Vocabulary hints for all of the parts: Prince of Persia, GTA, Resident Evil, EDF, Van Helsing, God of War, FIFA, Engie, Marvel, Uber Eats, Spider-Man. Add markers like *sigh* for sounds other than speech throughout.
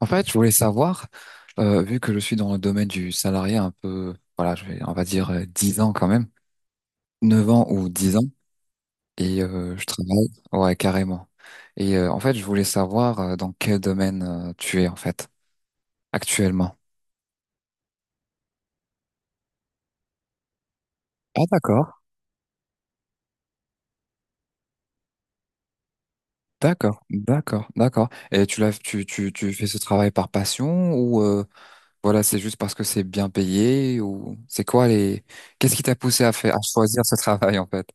En fait, je voulais savoir, vu que je suis dans le domaine du salarié un peu, voilà, on va dire 10 ans quand même, 9 ans ou 10 ans, et je travaille, ouais, carrément. Et en fait, je voulais savoir dans quel domaine tu es en fait actuellement. Ah d'accord, d'accord, d'accord, d'accord. Et tu l'as, tu fais ce travail par passion ou voilà, c'est juste parce que c'est bien payé ou c'est quoi les, qu'est-ce qui t'a poussé à faire, à choisir ce travail en fait?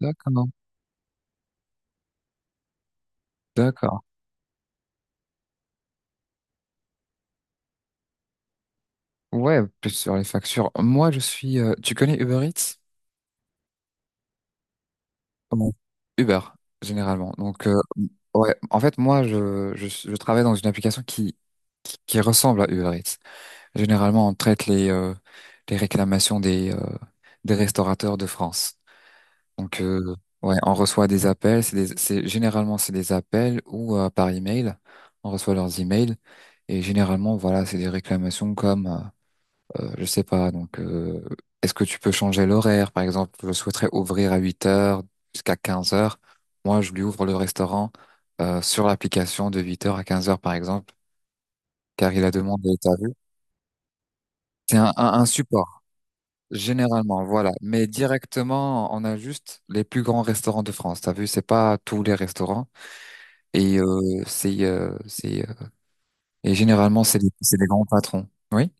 D'accord, d'accord. Ouais, plus sur les factures. Moi, je suis. Tu connais Uber Eats? Comment? Uber, généralement. Donc, ouais. En fait, moi, je travaille dans une application qui ressemble à Uber Eats. Généralement, on traite les réclamations des restaurateurs de France. Donc, ouais, on reçoit des appels. Généralement, c'est des appels ou par email. On reçoit leurs emails. Et généralement, voilà, c'est des réclamations comme, je sais pas, donc, est-ce que tu peux changer l'horaire? Par exemple, je souhaiterais ouvrir à 8 heures jusqu'à 15 heures. Moi, je lui ouvre le restaurant sur l'application de 8 heures à 15 heures, par exemple, car il a demandé, t'as vu? C'est un support, généralement, voilà. Mais directement, on a juste les plus grands restaurants de France, t'as vu? C'est pas tous les restaurants. Et généralement, c'est des grands patrons. Oui.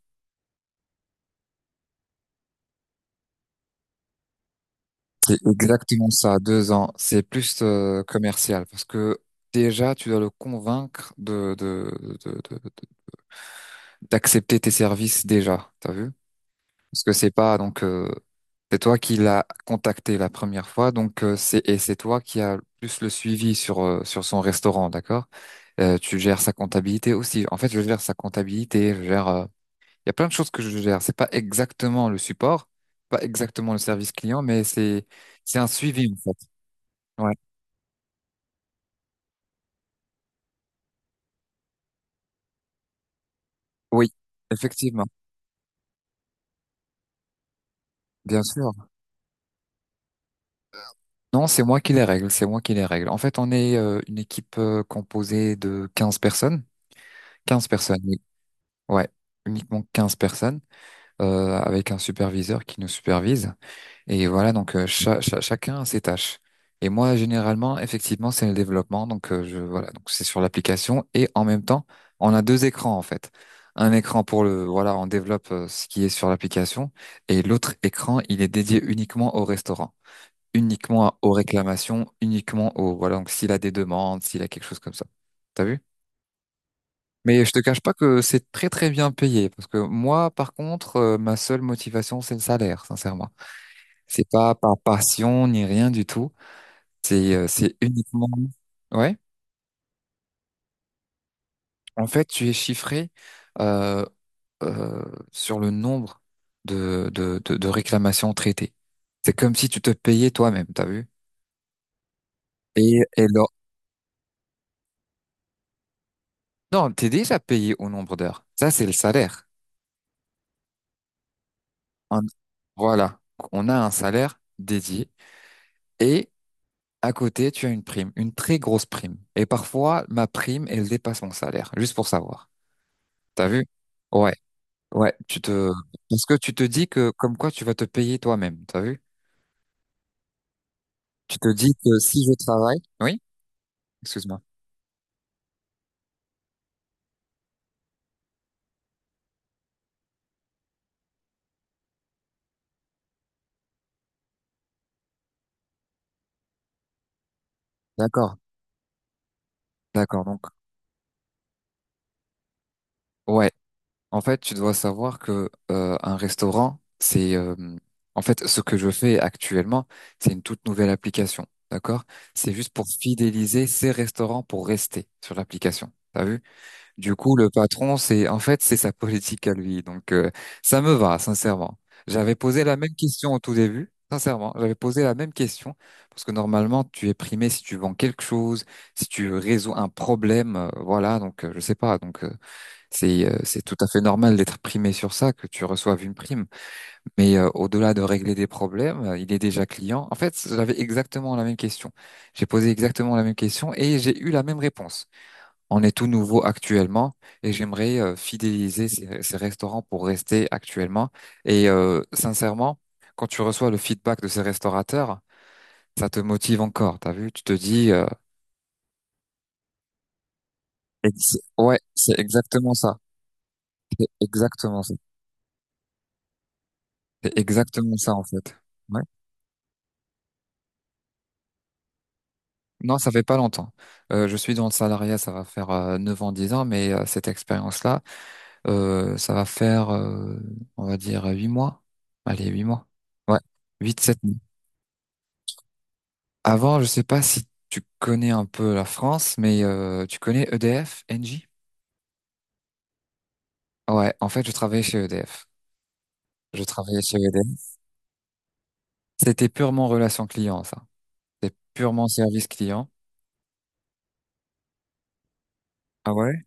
C'est exactement ça, 2 ans. C'est plus commercial parce que déjà, tu dois le convaincre de, de- de- d'accepter tes services déjà. T'as vu? Parce que c'est pas, donc, c'est toi qui l'as contacté la première fois, donc, c'est et c'est toi qui as plus le suivi sur son restaurant, d'accord? Tu gères sa comptabilité aussi. En fait, je gère sa comptabilité. Je gère. Il y a plein de choses que je gère. C'est pas exactement le support, pas exactement le service client, mais c'est un suivi en fait. Ouais. Oui, effectivement, bien sûr. Non, c'est moi qui les règle, c'est moi qui les règle. En fait, on est une équipe composée de 15 personnes. 15 personnes, oui. Ouais, uniquement 15 personnes, avec un superviseur qui nous supervise. Et voilà, donc, chacun a ses tâches. Et moi, généralement, effectivement, c'est le développement. Donc, voilà, donc c'est sur l'application. Et en même temps, on a deux écrans, en fait. Un écran voilà, on développe ce qui est sur l'application. Et l'autre écran, il est dédié uniquement au restaurant. Uniquement aux réclamations, uniquement aux... Voilà, donc s'il a des demandes, s'il a quelque chose comme ça. T'as vu? Mais je te cache pas que c'est très très bien payé, parce que moi, par contre, ma seule motivation, c'est le salaire, sincèrement. C'est pas par passion ni rien du tout. C'est uniquement... *laughs* Ouais. En fait, tu es chiffré euh, euh, sur le nombre de réclamations traitées. C'est comme si tu te payais toi-même, t'as vu? Et là. Non, t'es déjà payé au nombre d'heures. Ça, c'est le salaire. un- voilà, on a un salaire dédié et à côté, tu as une prime, une très grosse prime. Et parfois, ma prime, elle dépasse mon salaire, juste pour savoir. T'as vu? Ouais, ouais, tu te... Parce que tu te dis que comme quoi tu vas te payer toi-même, t'as vu? Tu te dis que si je travaille... Oui? Excuse-moi. D'accord, d'accord. Donc, ouais. En fait, tu dois savoir que un restaurant, c'est en fait ce que je fais actuellement, c'est une toute nouvelle application, d'accord? C'est juste pour fidéliser ces restaurants pour rester sur l'application. T'as vu? Du coup, le patron, c'est en fait c'est sa politique à lui. Donc ça me va, sincèrement. J'avais posé la même question au tout début. Sincèrement, j'avais posé la même question parce que normalement, tu es primé si tu vends quelque chose, si tu résous un problème, voilà. Donc, je sais pas. Donc, c'est tout à fait normal d'être primé sur ça, que tu reçoives une prime. Mais au-delà de régler des problèmes, il est déjà client. En fait, j'avais exactement la même question. J'ai posé exactement la même question et j'ai eu la même réponse. On est tout nouveau actuellement et j'aimerais fidéliser ces restaurants pour rester actuellement. Et sincèrement, quand tu reçois le feedback de ces restaurateurs, ça te motive encore. T'as vu, tu te dis, ouais, c'est exactement ça. C'est exactement ça. C'est exactement ça en fait. Ouais. Non, ça fait pas longtemps. Je suis dans le salariat, ça va faire 9 ans, 10 ans, mais cette expérience-là, ça va faire, on va dire, 8 mois. Allez, 8 mois. Ouais, 8 7. Mois. Avant, je sais pas si tu connais un peu la France, mais tu connais EDF, Engie? Ouais, en fait, je travaillais chez EDF. Je travaillais chez EDF. C'était purement relation client, ça. C'était purement service client. Ah ouais?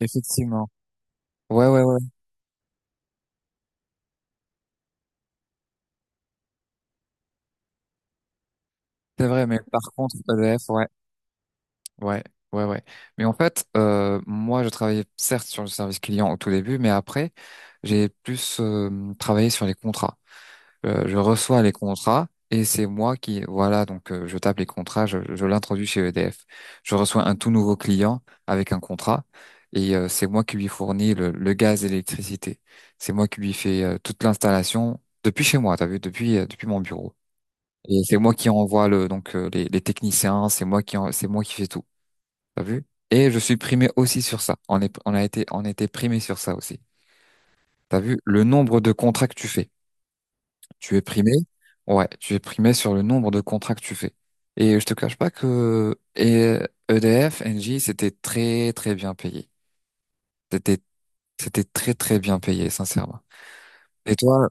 Effectivement. Ouais, ouais, ouais. C'est vrai, mais par contre, EDF, ouais. Ouais, ouais, ouais. Mais en fait, moi, je travaillais certes sur le service client au tout début, mais après, j'ai plus travaillé sur les contrats. Je reçois les contrats et c'est moi qui, voilà, donc je tape les contrats, je l'introduis chez EDF. Je reçois un tout nouveau client avec un contrat et c'est moi qui lui fournis le gaz et l'électricité. C'est moi qui lui fais toute l'installation depuis chez moi, t'as vu, depuis mon bureau. Et c'est moi qui envoie le donc les techniciens, c'est moi qui fais tout. T'as vu? Et je suis primé aussi sur ça. On est, on a été, on était primé sur ça aussi. T'as vu? Le nombre de contrats que tu fais. Tu es primé. Ouais, tu es primé sur le nombre de contrats que tu fais. Et je te cache pas que EDF, Engie, c'était très très bien payé. C'était c'était très très bien payé, sincèrement. Et toi?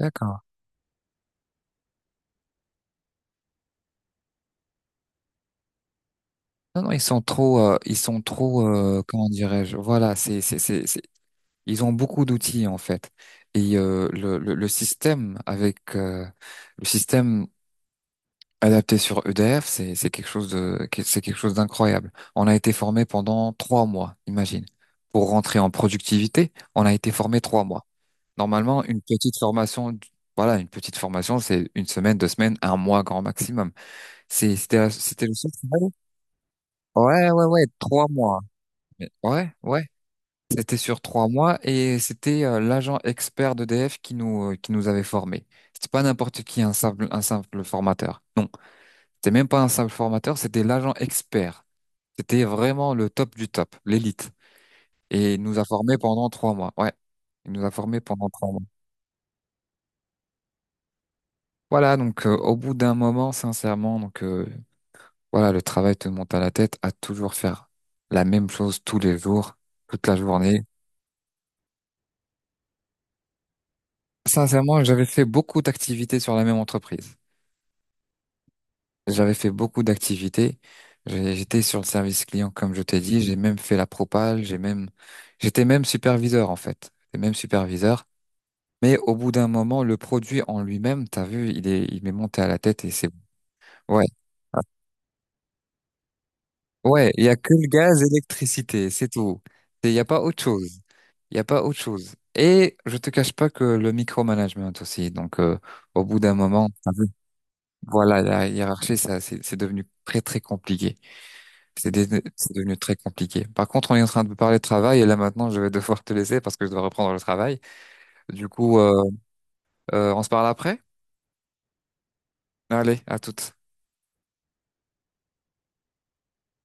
D'accord. Non non, ils sont trop, comment dirais-je? Voilà, ils ont beaucoup d'outils en fait. Et le système avec le système adapté sur EDF, c'est quelque chose d'incroyable. On a été formé pendant 3 mois, imagine. Pour rentrer en productivité, on a été formé 3 mois. Normalement, une petite formation, voilà, une petite formation, c'est une semaine, 2 semaines, un mois grand maximum. C'était le seul travail. Ouais, ouais, ouais, 3 mois. Ouais, ouais. C'était sur 3 mois et c'était l'agent expert d'EDF qui nous avait formés. C'était pas n'importe qui, un simple formateur. Non. C'était même pas un simple formateur, c'était l'agent expert. C'était vraiment le top du top, l'élite. Et il nous a formés pendant 3 mois. Ouais, il nous a formés pendant 3 mois. Voilà, donc au bout d'un moment, sincèrement, donc voilà, le travail te monte à la tête à toujours faire la même chose tous les jours, toute la journée. Sincèrement, j'avais fait beaucoup d'activités sur la même entreprise. J'avais fait beaucoup d'activités. J'étais sur le service client, comme je t'ai dit. J'ai même fait la propale. J'étais même superviseur, en fait. J'étais même superviseur. Mais au bout d'un moment, le produit en lui-même, t'as vu, il m'est monté à la tête et c'est bon. Ouais, ah, ouais, il y a que le gaz, l'électricité, c'est tout. Il y a pas autre chose. Il y a pas autre chose. Et je te cache pas que le micromanagement aussi. Donc, au bout d'un moment, t'as vu, voilà, la hiérarchie, ça, c'est devenu très très compliqué. C'est dé- c'est devenu très compliqué. Par contre, on est en train de parler de travail et là maintenant, je vais devoir te laisser parce que je dois reprendre le travail. Du coup, on se parle après? Allez, à toutes.